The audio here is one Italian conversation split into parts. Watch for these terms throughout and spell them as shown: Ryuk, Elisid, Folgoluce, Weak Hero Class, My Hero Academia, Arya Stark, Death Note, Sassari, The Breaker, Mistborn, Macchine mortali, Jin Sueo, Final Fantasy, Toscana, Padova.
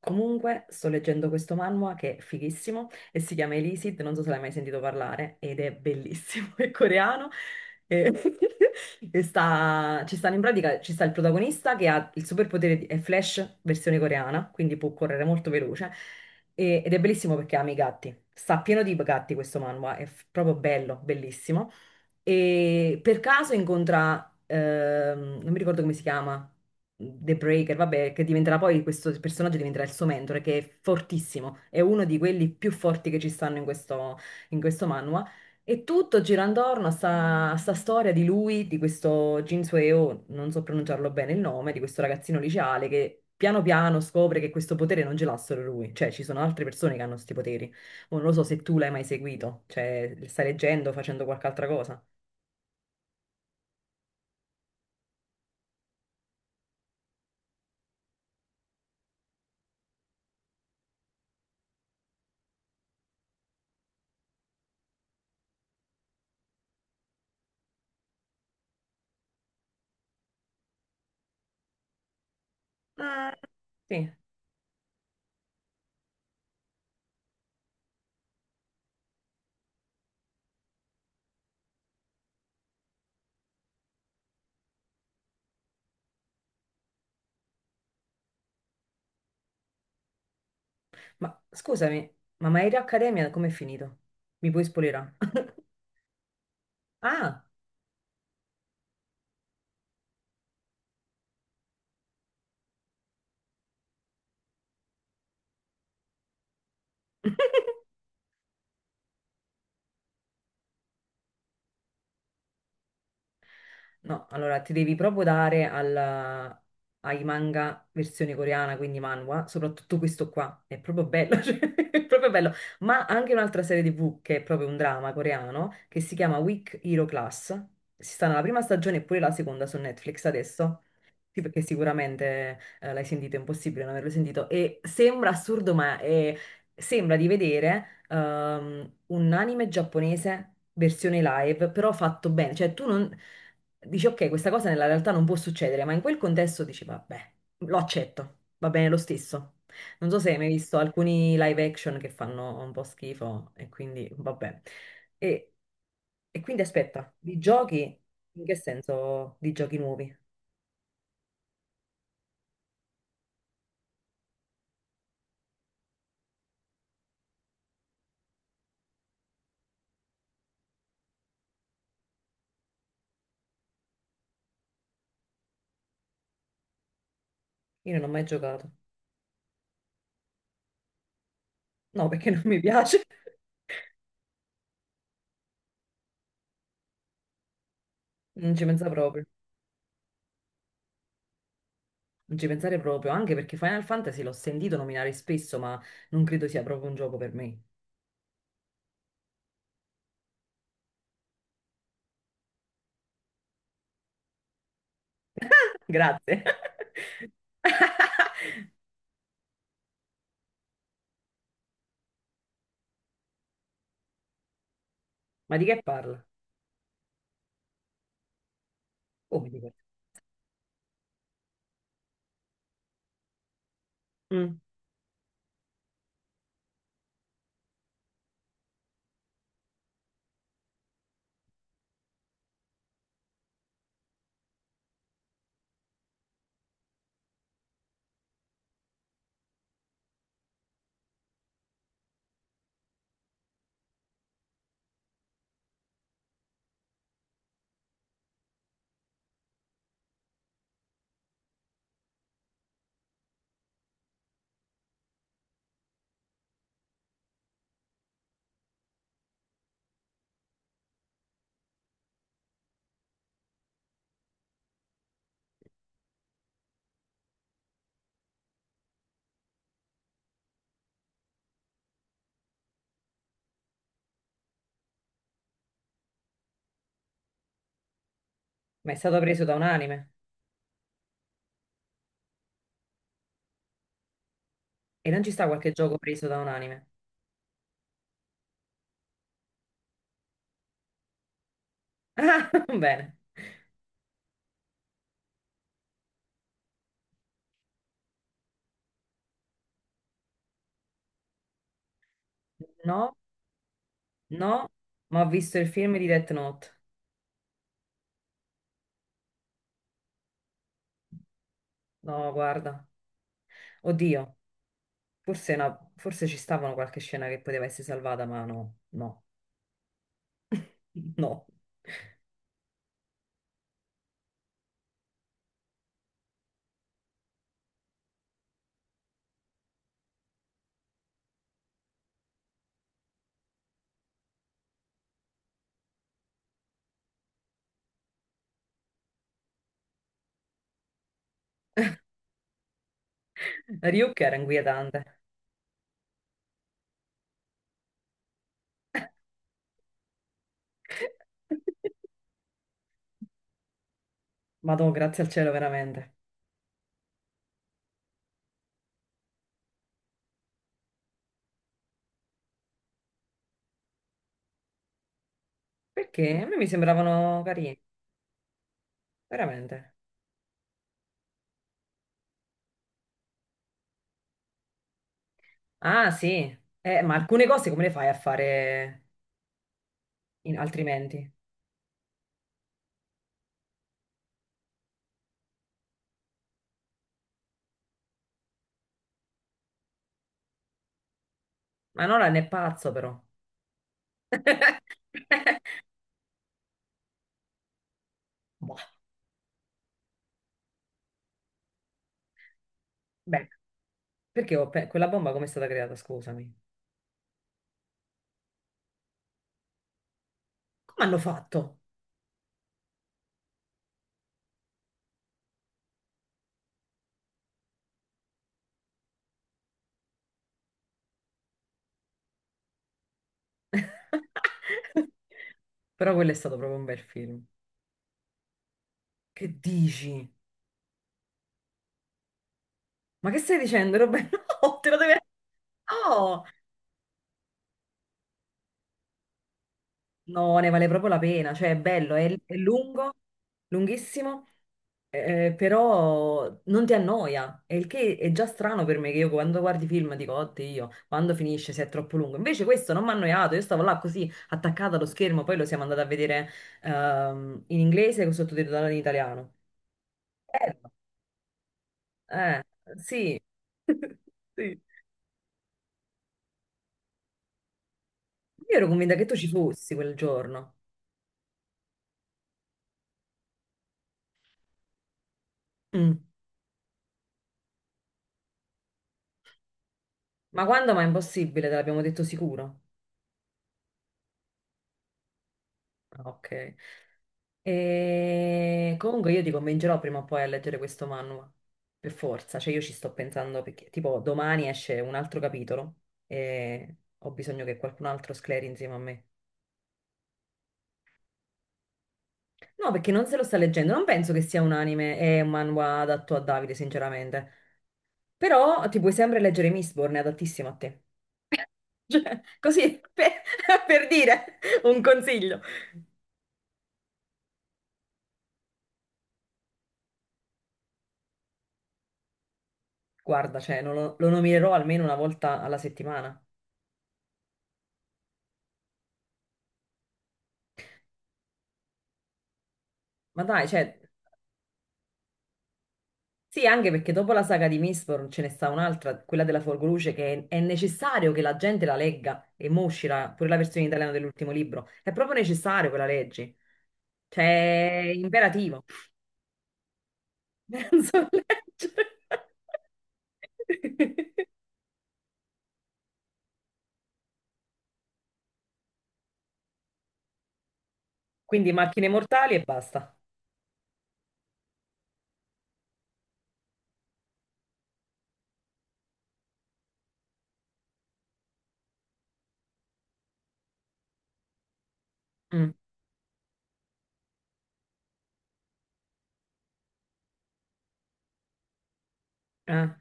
Comunque, sto leggendo questo manhwa che è fighissimo e si chiama Elisid, non so se l'hai mai sentito parlare, ed è bellissimo, è coreano e, e sta, ci stanno in pratica, ci sta il protagonista che ha il superpotere, è Flash versione coreana, quindi può correre molto veloce ed è bellissimo perché ama i gatti, sta pieno di gatti questo manhwa, è proprio bello, bellissimo e per caso incontra, non mi ricordo come si chiama, The Breaker, vabbè, che diventerà poi questo personaggio diventerà il suo mentore, che è fortissimo, è uno di quelli più forti che ci stanno in questo manhwa. E tutto gira intorno a sta storia di lui, di questo Jin Sueo, non so pronunciarlo bene il nome, di questo ragazzino liceale che piano piano scopre che questo potere non ce l'ha solo lui, cioè ci sono altre persone che hanno questi poteri. Oh, non lo so se tu l'hai mai seguito, cioè stai leggendo, facendo qualche altra cosa. Eh, Sì, ma scusami, ma My Hero Academia com'è finito? Mi puoi spoilerare? Ah! No, allora ti devi proprio dare ai manga versione coreana, quindi manhwa, soprattutto questo qua, è proprio bello, cioè, è proprio bello. Ma anche un'altra serie TV che è proprio un drama coreano, che si chiama Weak Hero Class. Si sta nella prima stagione e pure la seconda su Netflix adesso. Sì, perché sicuramente l'hai sentito, è impossibile non averlo sentito. E sembra assurdo, ma sembra di vedere un anime giapponese versione live, però fatto bene. Cioè, tu non dici, ok, questa cosa nella realtà non può succedere, ma in quel contesto dici, vabbè, lo accetto, va bene lo stesso. Non so se hai mai visto alcuni live action che fanno un po' schifo, e quindi vabbè. E, e quindi aspetta, di giochi, in che senso di giochi nuovi? Io non ho mai giocato. No, perché non mi piace. Non ci pensa proprio. Non ci pensare proprio, anche perché Final Fantasy l'ho sentito nominare spesso, ma non credo sia proprio un gioco per me. Grazie. Ma di che parla? Come di che? Mm. Ma è stato preso da un anime. E non ci sta qualche gioco preso da un anime? Ah, bene. No, no, ma ho visto il film di Death Note. No, guarda. Oddio, forse, forse ci stavano qualche scena che poteva essere salvata, ma no, no. No, Ryuk era inquietante. Madò, grazie al cielo, veramente. Perché a me mi sembravano carini, veramente. Ah, sì. Ma alcune cose come le fai a fare altrimenti? Ma non è pazzo, però. Boh. Beh, perché quella bomba come è stata creata? Scusami. Come hanno fatto? Però quello è stato proprio un bel film. Che dici? Ma che stai dicendo, Roberto? No, te lo devi. No! No, ne vale proprio la pena, cioè è bello, è lungo, lunghissimo, però non ti annoia, e il che è già strano per me che io quando guardi film dico, oddio, quando finisce se è troppo lungo. Invece questo non mi ha annoiato, io stavo là così attaccata allo schermo, poi lo siamo andati a vedere in inglese con sottotitolato in italiano. Bello, eh, sì. Sì. Io ero convinta che tu ci fossi quel giorno. Mm. Ma quando? Ma è impossibile, te l'abbiamo detto sicuro. Ok. E comunque io ti convincerò prima o poi a leggere questo manual, per forza, cioè io ci sto pensando perché tipo domani esce un altro capitolo e ho bisogno che qualcun altro scleri insieme a me. No, perché non se lo sta leggendo, non penso che sia un anime e un manhwa adatto a Davide, sinceramente. Però ti puoi sempre leggere Mistborn, è adattissimo a te. Cioè, così, per, per dire un consiglio. Guarda, cioè, non lo nominerò almeno una volta alla settimana. Ma dai, cioè, sì, anche perché dopo la saga di Mistborn ce ne sta un'altra, quella della Folgoluce, che è necessario che la gente la legga e mo uscirà pure la versione italiana dell'ultimo libro. È proprio necessario che la leggi. Cioè, è imperativo. Penso di leggere. Quindi macchine mortali e basta. Mm. Ah.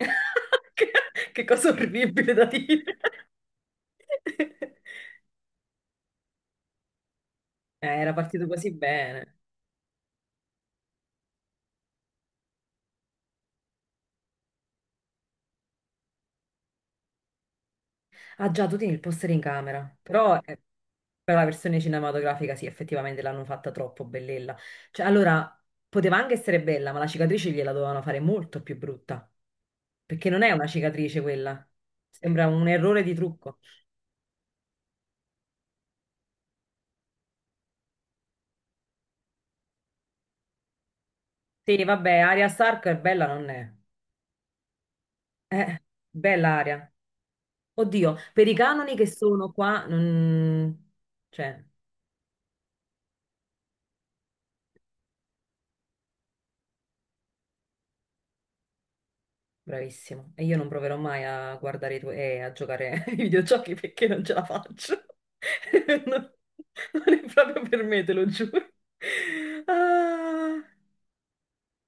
Che che cosa orribile da dire. Era partito così bene. Ah già, tu tieni il poster in camera, però per la versione cinematografica sì, effettivamente l'hanno fatta troppo bellella. Cioè, allora, poteva anche essere bella, ma la cicatrice gliela dovevano fare molto più brutta, perché non è una cicatrice quella, sembra un errore di trucco. Sì, vabbè, Arya Stark è bella non è. Eh, bella Arya. Oddio, per i canoni che sono qua, non, cioè. Bravissimo. E io non proverò mai a guardare i tuoi, a giocare ai videogiochi perché non ce la faccio. Non, non è proprio per me, te lo giuro. Ah.